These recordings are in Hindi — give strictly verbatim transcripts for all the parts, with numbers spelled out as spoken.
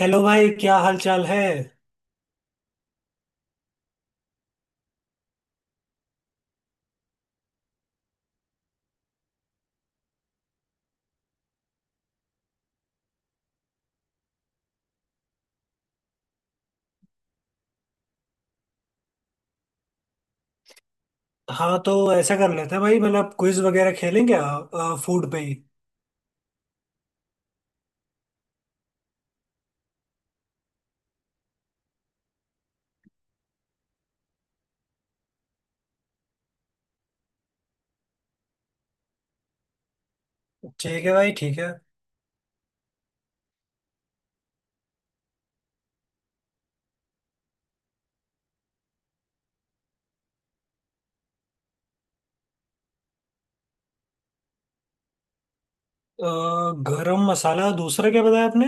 हेलो भाई, क्या हाल चाल है? हाँ, तो ऐसा कर लेते हैं भाई, मतलब क्विज वगैरह खेलेंगे, फूड पे ही। ठीक है भाई, ठीक है। अ, गरम मसाला? दूसरा क्या बताया आपने?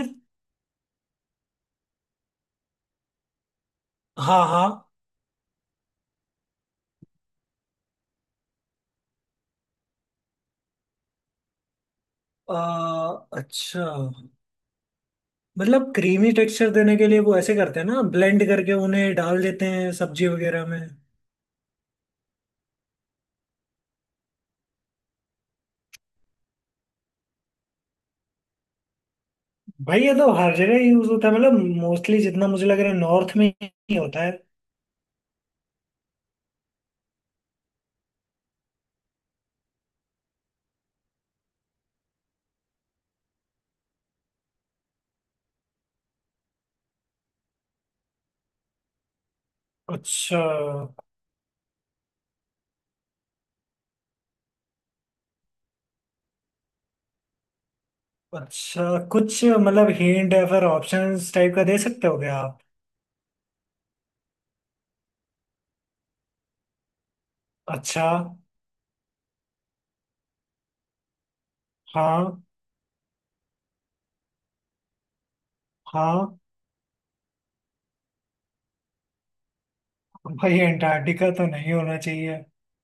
हाँ, हाँ। अ, अच्छा। मतलब क्रीमी टेक्सचर देने के लिए वो ऐसे करते हैं ना, ब्लेंड करके उन्हें डाल देते हैं सब्जी वगैरह में। भाई, ये तो हर जगह यूज होता है, मतलब मोस्टली जितना मुझे लग रहा है, नॉर्थ में ही होता है। अच्छा। अच्छा, कुछ मतलब हिंट या फिर ऑप्शंस टाइप का दे सकते हो क्या आप? अच्छा। हाँ। हाँ। भाई अंटार्कटिका तो नहीं होना चाहिए,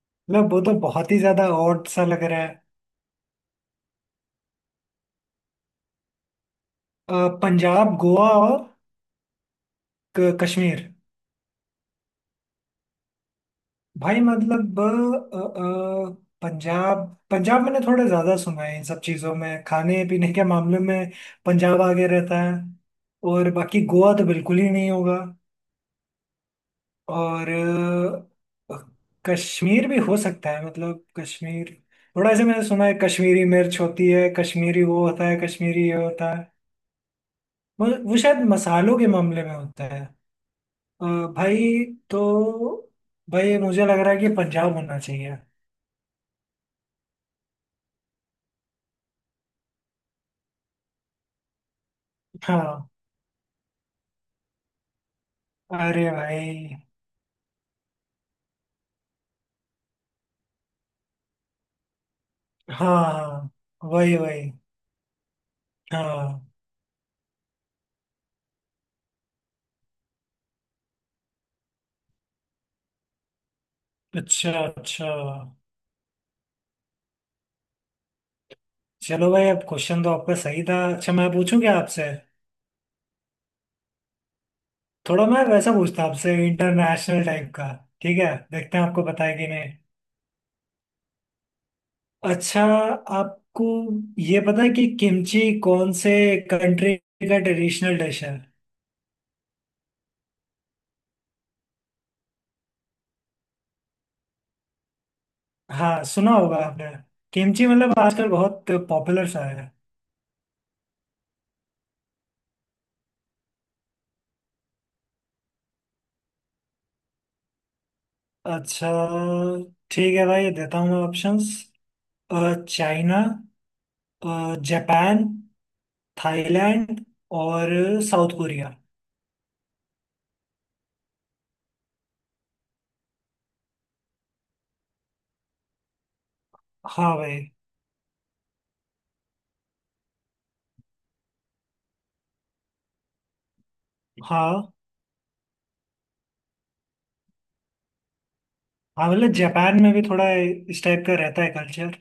मतलब वो तो बहुत ही ज्यादा ऑड सा लग रहा है। अ, पंजाब, गोवा और क- कश्मीर। भाई मतलब अ, अ, पंजाब। पंजाब मैंने थोड़ा ज्यादा सुना है, इन सब चीजों में खाने पीने के मामले में पंजाब आगे रहता है। और बाकी गोवा तो बिल्कुल ही नहीं होगा। और अ, कश्मीर भी हो सकता है, मतलब कश्मीर थोड़ा ऐसे मैंने सुना है, कश्मीरी मिर्च होती है, कश्मीरी वो होता है, कश्मीरी ये होता है। वो, वो शायद मसालों के मामले में होता है। अ, भाई, तो भाई मुझे लग रहा है कि पंजाब होना चाहिए। हाँ। अरे भाई। हाँ, वही वही। हाँ, अच्छा, अच्छा। चलो भाई, अब क्वेश्चन तो आपका सही था। अच्छा, मैं पूछूं क्या आपसे? थोड़ा मैं वैसा पूछता हूँ आपसे, इंटरनेशनल टाइप का। ठीक है, देखते हैं आपको पता है कि नहीं। अच्छा। आपको ये पता है कि किमची कौन से कंट्री का ट्रेडिशनल डिश है? हाँ, सुना होगा आपने। किमची मतलब आजकल बहुत पॉपुलर सा है। अच्छा। ठीक है भाई, देता हूँ मैं ऑप्शंस। चाइना, जापान, थाईलैंड और साउथ कोरिया। हाँ भाई। हाँ, हाँ, मतलब जापान में भी थोड़ा इस टाइप का रहता है कल्चर।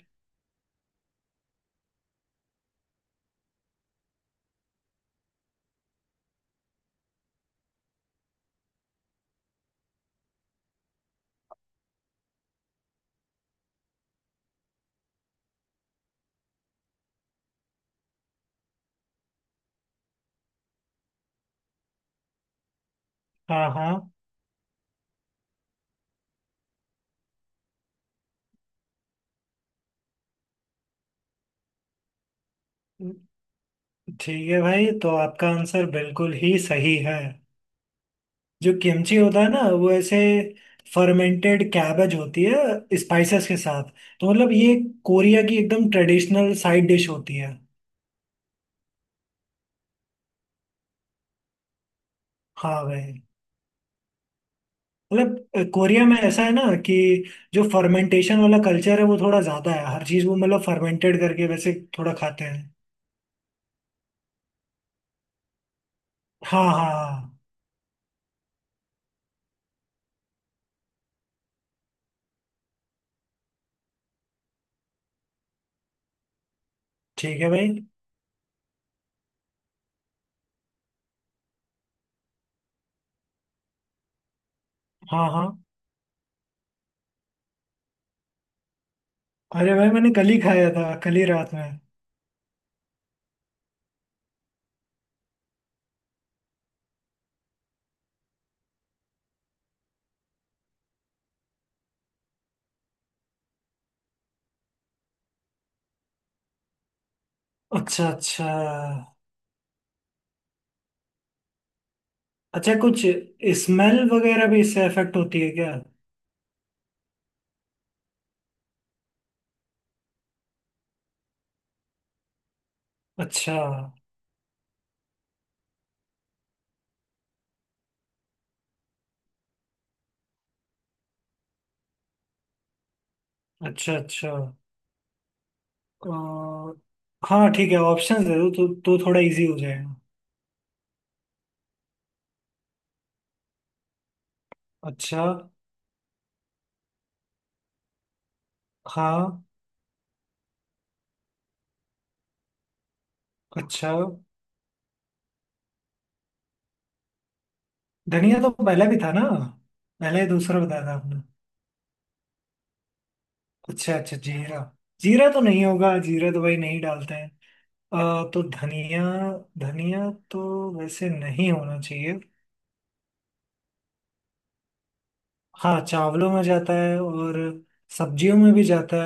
हाँ, हाँ। ठीक है भाई, तो आपका आंसर बिल्कुल ही सही है। जो किमची होता है ना, वो ऐसे फर्मेंटेड कैबेज होती है स्पाइसेस के साथ। तो मतलब ये कोरिया की एकदम ट्रेडिशनल साइड डिश होती है। हाँ भाई। मतलब कोरिया में ऐसा है ना कि जो फर्मेंटेशन वाला कल्चर है वो थोड़ा ज़्यादा है। हर चीज़ वो मतलब फर्मेंटेड करके वैसे थोड़ा खाते हैं। हाँ, हाँ, हाँ। ठीक है भाई। हाँ, हाँ। अरे भाई, मैंने कल ही खाया था, कल ही रात में। अच्छा, अच्छा। अच्छा, कुछ स्मेल वगैरह भी इससे इफेक्ट होती है क्या? अच्छा, अच्छा, अच्छा। अ, हाँ, ठीक है, ऑप्शन दे दो तो तो थोड़ा इजी हो जाएगा। अच्छा। हाँ। अच्छा। धनिया तो पहले भी था ना? पहले दूसरा बताया था आपने। अच्छा, अच्छा, जीरा। जीरा तो नहीं होगा। जीरा तो भाई नहीं डालते हैं। अ, तो धनिया। धनिया तो वैसे नहीं होना चाहिए। हाँ, चावलों में जाता है और सब्जियों में भी जाता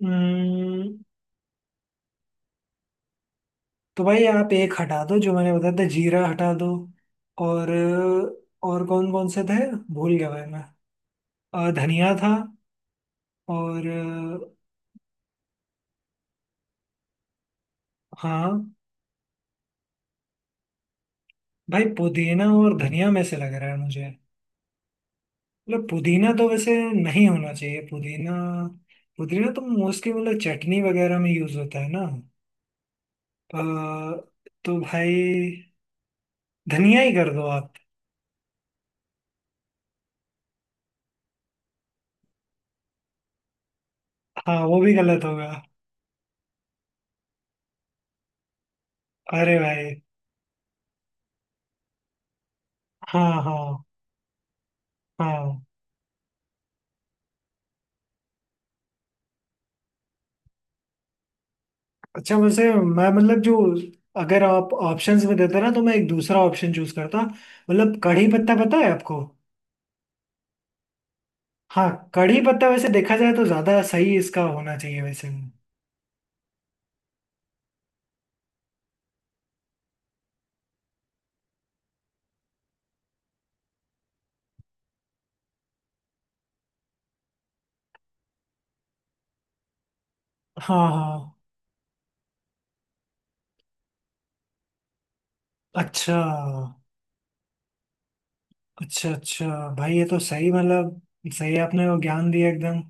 है। तो भाई आप एक हटा दो जो मैंने बताया था, जीरा हटा दो। और और कौन कौन से थे? भूल गया भाई मैं। अ, धनिया था और अ, हाँ भाई, पुदीना और धनिया में से लग रहा है मुझे। मतलब पुदीना तो वैसे नहीं होना चाहिए पुदीना। पुदीना तो मोस्टली मतलब चटनी वगैरह में यूज होता है ना। अ, तो भाई धनिया ही कर दो आप। हाँ, वो भी गलत होगा। अरे भाई। हाँ, हाँ, हाँ। अच्छा, वैसे मैं मतलब जो अगर आप ऑप्शंस में देते ना, तो मैं एक दूसरा ऑप्शन चूज करता। मतलब कढ़ी पत्ता पता है आपको? हाँ, कढ़ी पत्ता वैसे देखा जाए तो ज्यादा सही इसका होना चाहिए वैसे। हाँ, हाँ। अच्छा, अच्छा, अच्छा। भाई ये तो सही मतलब, सही आपने वो ज्ञान दिया एकदम।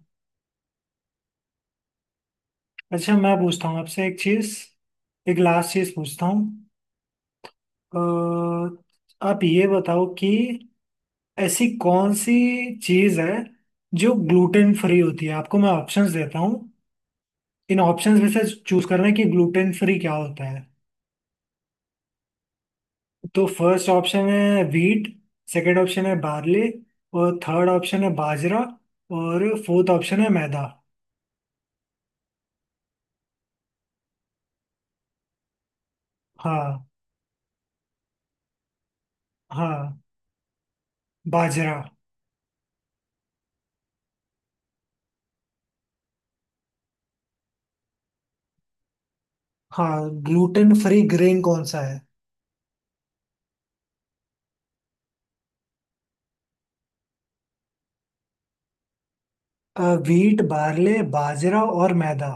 अच्छा, मैं पूछता हूँ आपसे एक चीज। एक लास्ट चीज पूछता हूँ। अ, आप ये बताओ कि ऐसी कौन सी चीज है जो ग्लूटेन फ्री होती है। आपको मैं ऑप्शंस देता हूँ। इन ऑप्शंस में से चूज करना है कि ग्लूटेन फ्री क्या होता है। तो फर्स्ट ऑप्शन है व्हीट, सेकंड ऑप्शन है बार्ले, और थर्ड ऑप्शन है बाजरा, और फोर्थ ऑप्शन है मैदा। हाँ। हाँ, बाजरा। हाँ, ग्लूटेन फ्री ग्रेन कौन सा है? व्हीट, बार्ले, बाजरा और मैदा।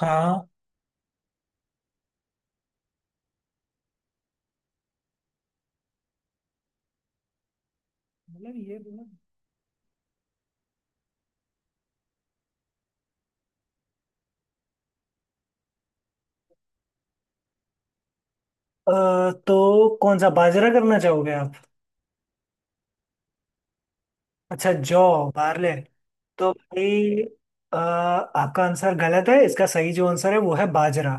हाँ, मतलब ये दोनों। अ, तो कौन सा बाजरा करना चाहोगे आप? अच्छा, जॉ, बार्ले। तो भाई, अ, आपका आंसर गलत है। इसका सही जो आंसर है वो है बाजरा।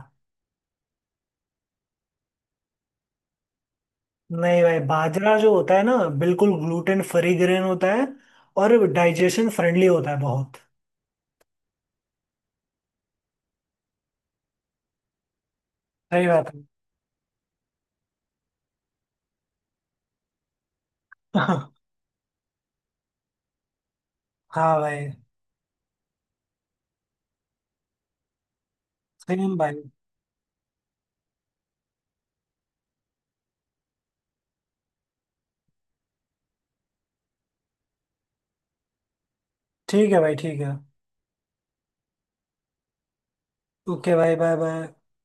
नहीं भाई, बाजरा जो होता है ना, बिल्कुल ग्लूटेन फ्री ग्रेन होता है, और डाइजेशन फ्रेंडली होता है बहुत। सही बात है। हाँ भाई। सेम भाई। ठीक है भाई, ठीक है। ओके भाई, बाय बाय।